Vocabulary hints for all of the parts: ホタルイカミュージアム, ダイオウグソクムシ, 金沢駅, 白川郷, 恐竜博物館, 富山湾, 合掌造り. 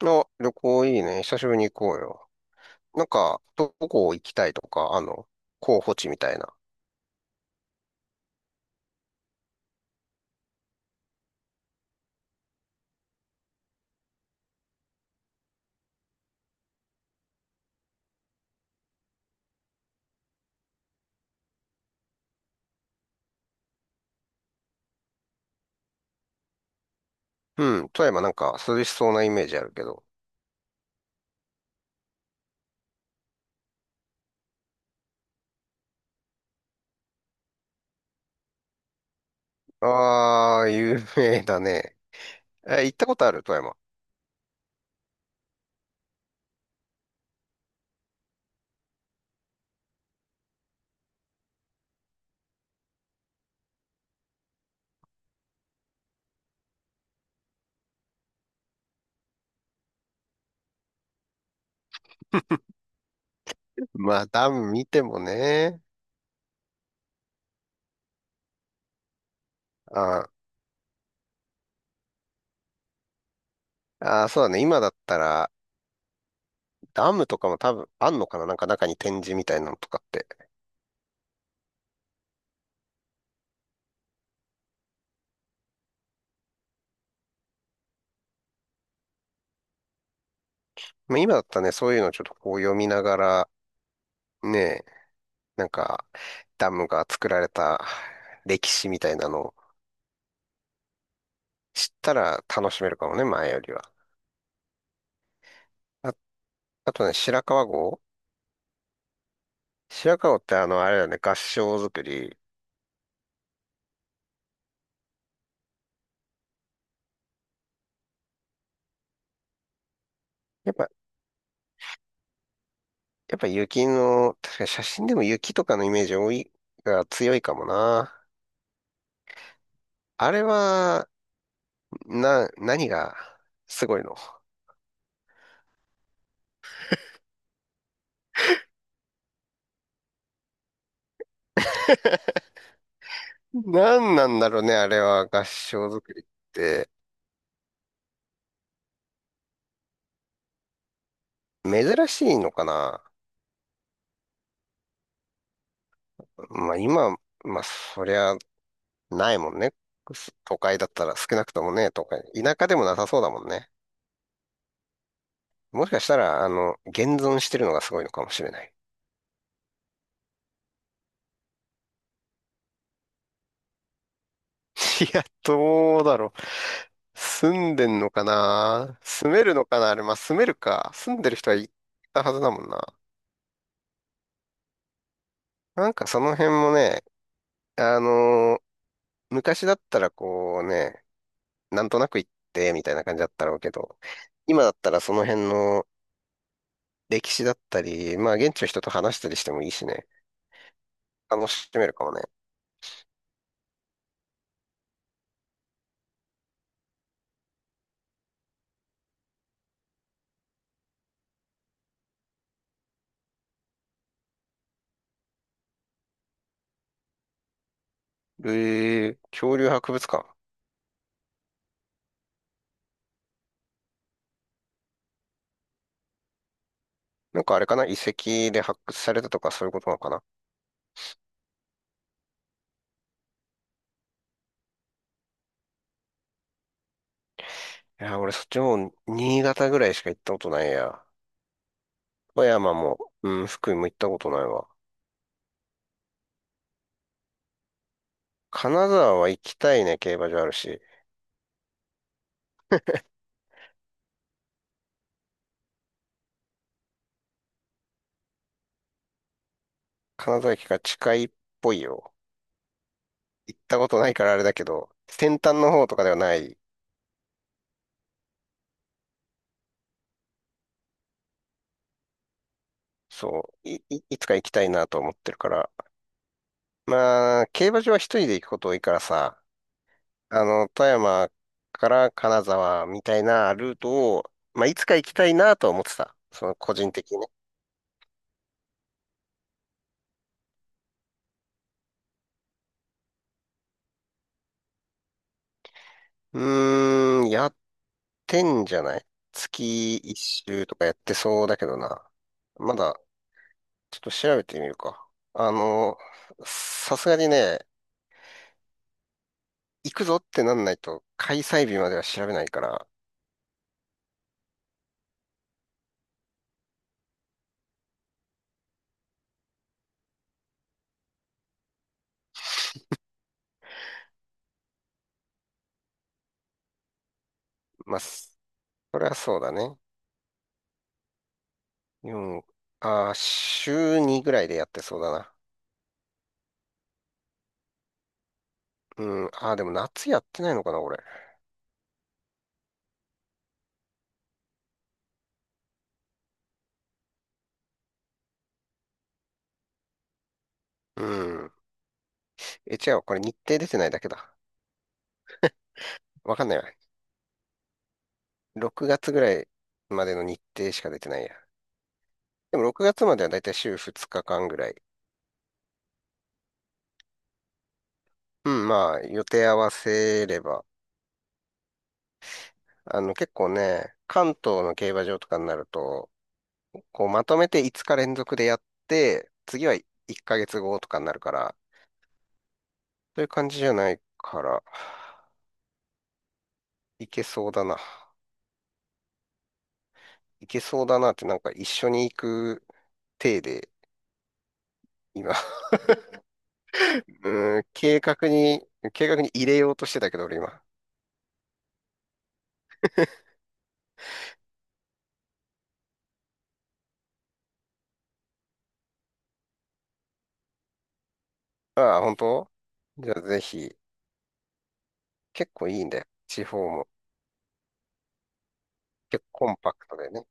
あ、旅行いいね。久しぶりに行こうよ。なんか、どこ行きたいとか、候補地みたいな。うん、富山なんか涼しそうなイメージあるけど。ああ、有名だね。え、行ったことある富山？まあ、ダム見てもね。あああ、そうだね。今だったら、ダムとかも多分あんのかな。なんか中に展示みたいなのとかって。まあ、今だったらね、そういうのちょっとこう読みながら、ね、なんか、ダムが作られた歴史みたいなのを知ったら楽しめるかもね、前よりは。あ、あとね、白川郷ってあれだね、合掌造り。やっぱ、やっぱ雪の、確かに写真でも雪とかのイメージ多い、が強いかもな。あれは、何がすごいの。何なんだろうね、あれは合掌造りって。珍しいのかな。まあ今、まあそりゃないもんね。都会だったら少なくともね、都会。田舎でもなさそうだもんね。もしかしたら、現存してるのがすごいのかもしれない。いや、どうだろう。住んでんのかな。住めるのかなあれ、まあ、住めるか。住んでる人はいたはずだもんな。なんかその辺もね、あのー昔だったらこうね、なんとなく行ってみたいな感じだったろうけど、今だったらその辺の歴史だったり、まあ、現地の人と話したりしてもいいしね、楽しめるかもね。恐竜博物館。なんかあれかな、遺跡で発掘されたとかそういうことなのかな。いや、俺そっちの方、新潟ぐらいしか行ったことないや。富山も、うん、福井も行ったことないわ。金沢は行きたいね、競馬場あるし。金沢駅が近いっぽいよ。行ったことないからあれだけど、先端の方とかではない。そう、いつか行きたいなと思ってるから。まあ、競馬場は一人で行くこと多いからさ、富山から金沢みたいなルートを、まあ、いつか行きたいなとは思ってた。その個人的にね。うーん、宿10じゃない、月一周とかやってそうだけどな。まだ、ちょっと調べてみるか。あの、さすがにね、行くぞってなんないと、開催日までは調べないから、まあ、それはそうだね。よんあー、週2ぐらいでやってそうだな。うん、でも夏やってないのかな、これ。うん。え、違う、これ日程出てないだけだ。わかんないわ。6月ぐらいまでの日程しか出てないや。でも6月まではだいたい週2日間ぐらい。うん、まあ、予定合わせれば。結構ね、関東の競馬場とかになると、こう、まとめて5日連続でやって、次は1ヶ月後とかになるから、そういう感じじゃないから、いけそうだな。いけそうだなって、なんか一緒に行く体で、今。うーん、計画に入れようとしてたけど、俺今。ああ、本当。じゃあぜひ。結構いいんだよ。地方も。結構コンパクトでね。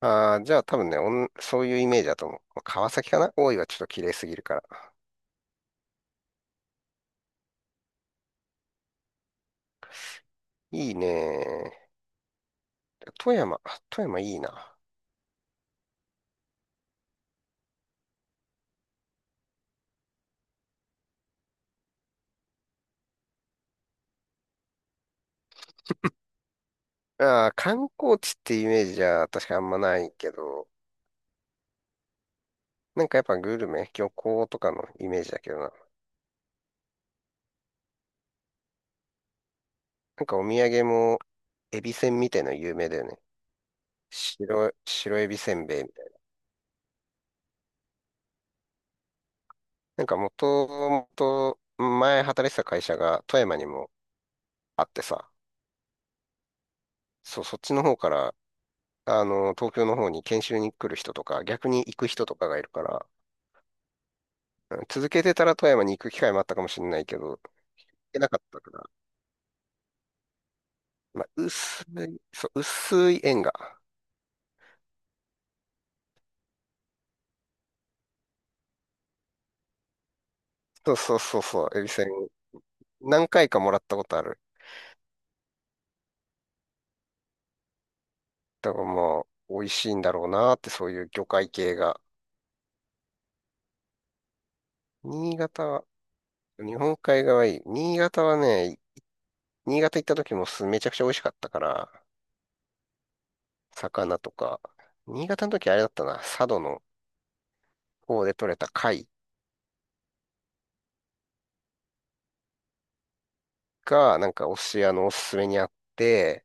ああ、じゃあ多分ね、そういうイメージだと思う。まあ川崎かな。大井はちょっと綺麗すぎるから。いいね。富山。富山いいな。ああ、観光地ってイメージじゃ確かあんまないけど、なんかやっぱグルメ、漁港とかのイメージだけどな。なんかお土産も、エビせんみたいなの有名だよね。白エビせんべいみたいな。なんかもともと前働いてた会社が富山にもあってさ、そう、そっちの方から東京の方に研修に来る人とか、逆に行く人とかがいるから、うん、続けてたら富山に行く機会もあったかもしれないけど、行けなかったから、まあ、そう、薄い縁が。そうそうそうそう、エビせん、何回かもらったことある。だからもう、美味しいんだろうなーって、そういう魚介系が。新潟は、日本海側いい。新潟はね、新潟行った時もすめちゃくちゃ美味しかったから、魚とか。新潟の時あれだったな、佐渡の方で採れた貝が、なんかお寿司屋のおすすめにあって、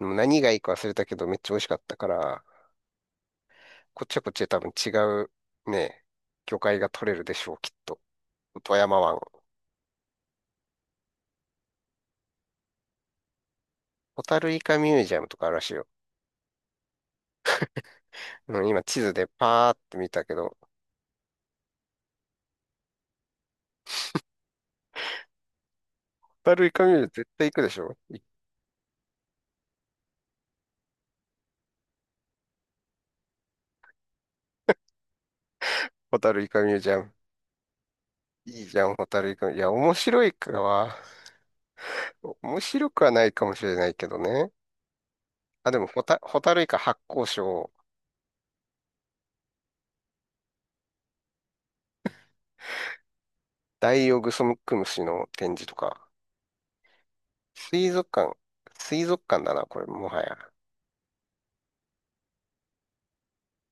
でも何がいいか忘れたけどめっちゃ美味しかったから、こっちはこっちで多分違うね、魚介が取れるでしょう、きっと。富山湾。ホタルイカミュージアムとかあるらしいよ。うん、今地図でパーって見たけど、ホタルイカミュージアム絶対行くでしょい。ホタルイカミュージアム。いいじゃん、ホタルイカ。いや、面白いかは、面白くはないかもしれないけどね。あ、でもホタルイカ発光ショー、ダイオウグソクムシの展示とか。水族館。水族館だな、これ、もはや。